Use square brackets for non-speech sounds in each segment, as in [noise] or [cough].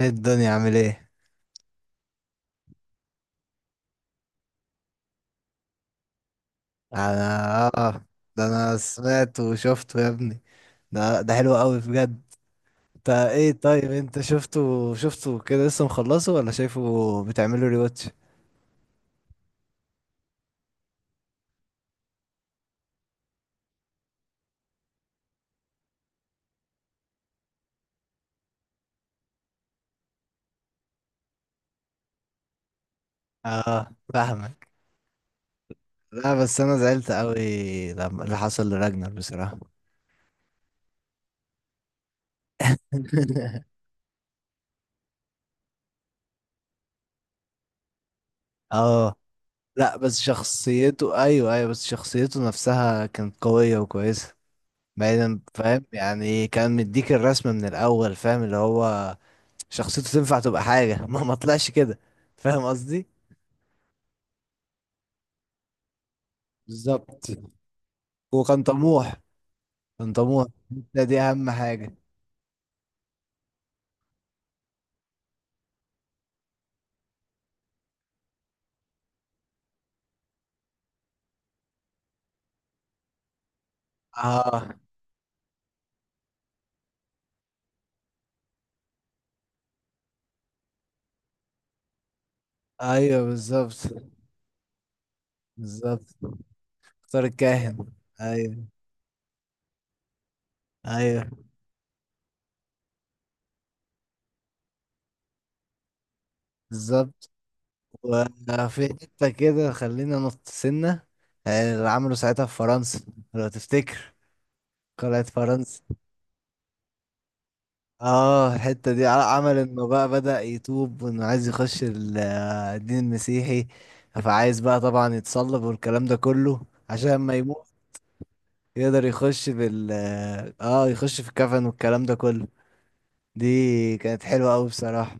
ايه الدنيا عامل ايه؟ انا اه. ده انا سمعت وشفته يا ابني. ده حلو قوي بجد. انت ايه طيب، انت شفته، شفته كده لسه مخلصه ولا شايفه؟ بتعمله ريواتش؟ اه فاهمك. لا بس انا زعلت قوي لما اللي حصل لراجنر بصراحة. [laughs] اه. لا بس شخصيته، ايوه ايوه، بس شخصيته نفسها كانت قوية وكويسة، بعيدا فاهم، يعني كان مديك الرسمة من الاول فاهم اللي هو شخصيته تنفع تبقى حاجة. [laughs] ما طلعش كده. فاهم قصدي. بالظبط. وكان طموح، كان طموح. ده دي أهم حاجة. اه ايوه بالظبط. بالظبط. اختار الكاهن. ايوه ايوه بالظبط. وفي حتة كده خلينا نط سنة. اللي عملوا ساعتها في فرنسا، لو تفتكر قلعة فرنسا. اه الحتة دي عمل انه بقى بدأ يتوب وانه عايز يخش الدين المسيحي. فعايز بقى طبعا يتصلب والكلام ده كله عشان ما يموت، يقدر يخش بال اه آه، يخش في الكفن والكلام ده كله. دي كانت حلوة اوي بصراحة.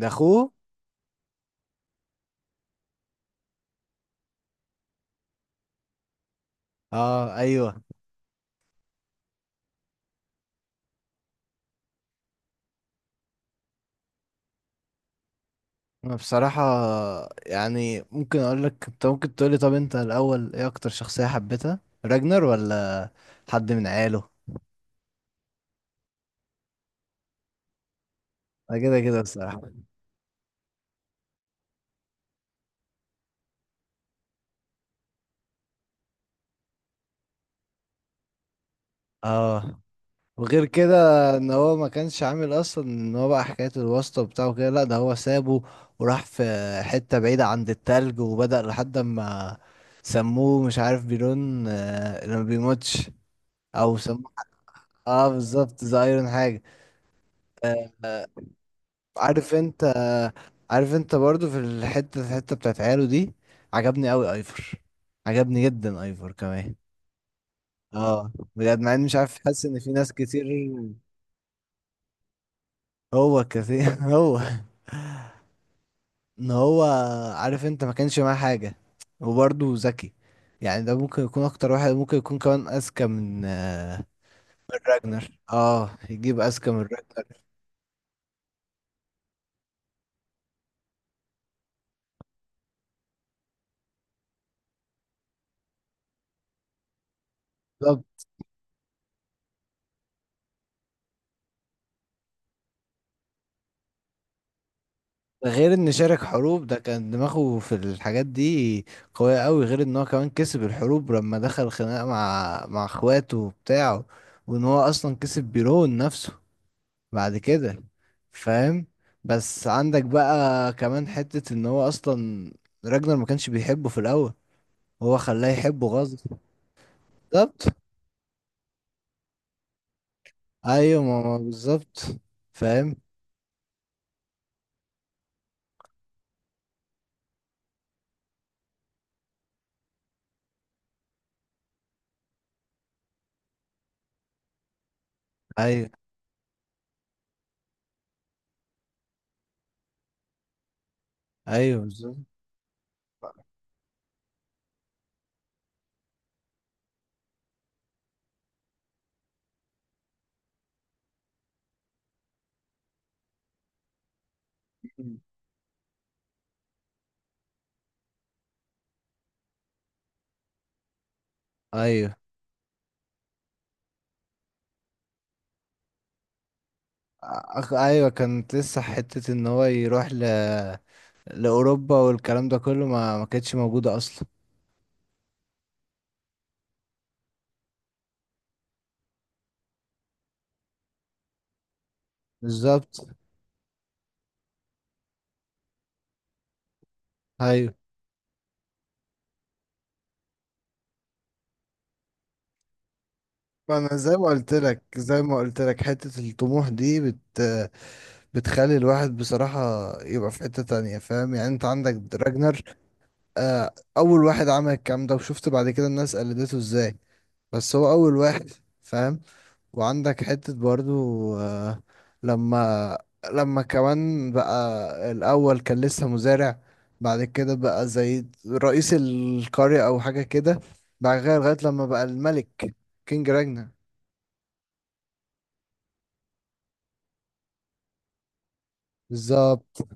ده اخوه. اه ايوه. انا بصراحة يعني ممكن اقول لك، انت ممكن تقولي، طب انت الاول ايه اكتر شخصية حبيتها، راجنر ولا حد من عياله؟ انا كده كده بصراحة. اه. وغير كده ان هو ما كانش عامل اصلا ان هو بقى حكاية الواسطة بتاعه كده، لا ده هو سابه وراح في حتة بعيدة عند التلج وبدأ لحد ما سموه مش عارف بيرون، اللي ما بيموتش، او سموه اه بالظبط، ذا ايرون حاجة. آه. عارف انت آه. عارف انت برضو في الحتة، الحتة بتاعت عياله دي، عجبني قوي ايفر، عجبني جدا ايفر كمان. اه بجد، مع اني مش عارف حاسس ان في ناس كتير. هو كثير. [laughs] هو ان هو عارف انت ما كانش معاه حاجة وبرضه ذكي. يعني ده ممكن يكون اكتر واحد، ممكن يكون كمان اذكى من من راجنر. اه يجيب اذكى من راجنر. بالظبط. ده غير ان شارك حروب، ده كان دماغه في الحاجات دي قوية قوي، غير ان هو كمان كسب الحروب لما دخل خناقة مع اخواته وبتاعه، وان هو اصلا كسب بيرون نفسه بعد كده. فاهم. بس عندك بقى كمان حتة ان هو اصلا راجنر ما كانش بيحبه في الاول، هو خلاه يحبه غصب. بالظبط. ايوه ماما بالظبط. فاهم. ايوه ايوه بالظبط. ايوه. أخ... ايوه كانت لسه حتة ان هو يروح ل... لاوروبا والكلام ده كله ما كانتش موجودة اصلا. بالظبط. ايوه. ما انا زي ما قلت لك، زي ما قلت لك حتة الطموح دي بت، بتخلي الواحد بصراحة يبقى في حتة تانية. فاهم يعني؟ انت عندك راجنر اول واحد عمل الكلام ده، وشفت بعد كده الناس قلدته ازاي، بس هو اول واحد. فاهم. وعندك حتة برضو، آه، لما لما كمان بقى الأول كان لسه مزارع، بعد كده بقى زي رئيس القرية أو حاجة كده، بعد كده لغاية لما بقى الملك، كينج راجنا. بالظبط.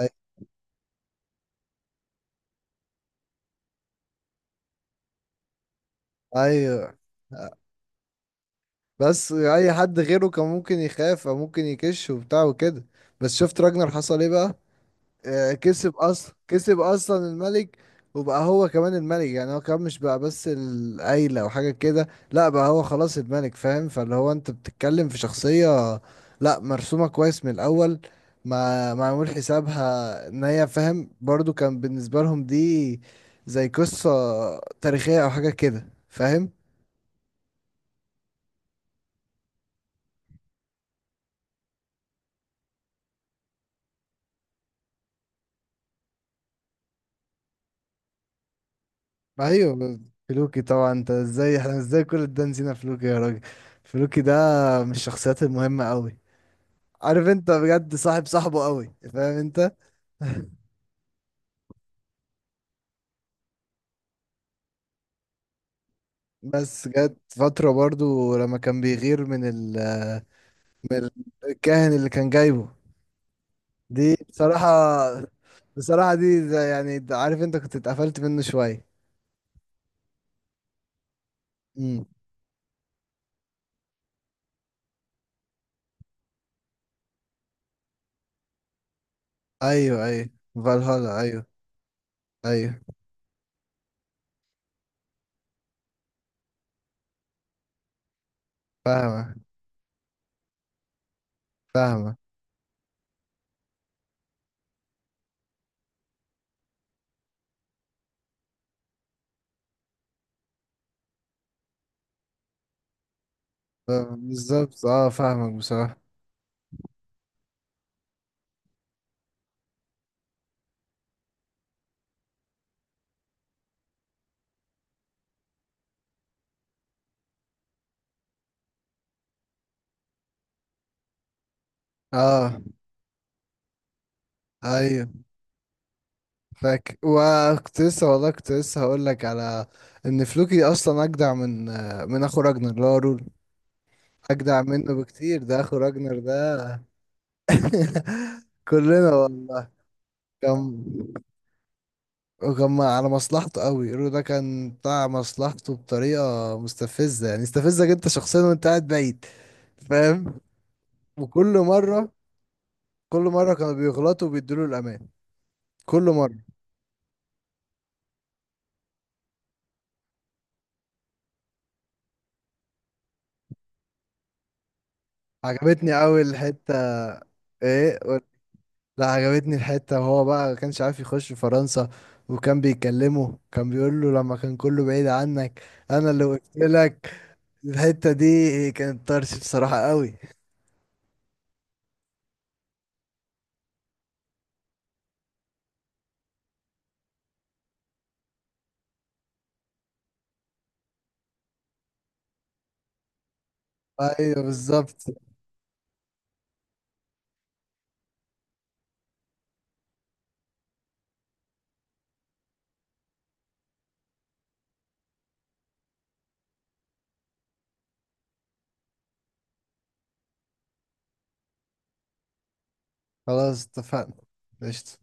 أي- أيوه. بس أي حد غيره كان ممكن يخاف أو ممكن يكش وبتاع وكده، بس شفت راجنر حصل ايه بقى؟ كسب اصلا، كسب اصلا الملك. وبقى هو كمان الملك، يعني هو كمان مش بقى بس العيلة او حاجة كده، لا بقى هو خلاص الملك. فاهم؟ فاللي هو انت بتتكلم في شخصية لا مرسومة كويس من الاول، ما معمول حسابها ان هي، فاهم، برضو كان بالنسبة لهم دي زي قصة تاريخية او حاجة كده. فاهم. ايوه فلوكي طبعا، انت ازاي، احنا ازاي كل ده نسينا فلوكي يا راجل. فلوكي ده من الشخصيات المهمة قوي. عارف انت بجد، صاحب، صاحبه قوي، فاهم انت. [laughs] بس جت فترة برضو لما كان بيغير من ال، من الكاهن اللي كان جايبه، دي بصراحة. بصراحة دي زي، يعني ده عارف انت كنت اتقفلت منه شوية. امم. ايوه ايوه. فالهالا ايوه. ايوه فاهمة. فاهمة. بالظبط اه فاهمك بصراحة. اه ايوه فاكر. وكنت لسه والله كنت لسه هقول لك على ان فلوكي اصلا اجدع من، من اخو راجنر اللي هو رول. اجدع منه بكتير ده، اخو راجنر ده. [laughs] كلنا والله. كان، وكان على مصلحته قوي، رو ده كان بتاع مصلحته بطريقة مستفزة، يعني يستفزك انت شخصيا وانت قاعد بعيد. فاهم. وكل مرة، كل مرة كانوا بيغلطوا وبيدوا له الامان. كل مرة. عجبتني قوي الحتة. ايه؟ لا عجبتني الحتة وهو بقى ما كانش عارف يخش فرنسا، وكان بيكلمه كان بيقول له لما كان كله بعيد عنك، انا اللي قلت لك. الحتة دي كانت طرش بصراحة قوي. ايوه بالظبط. خلاص اتفقنا. قشطة.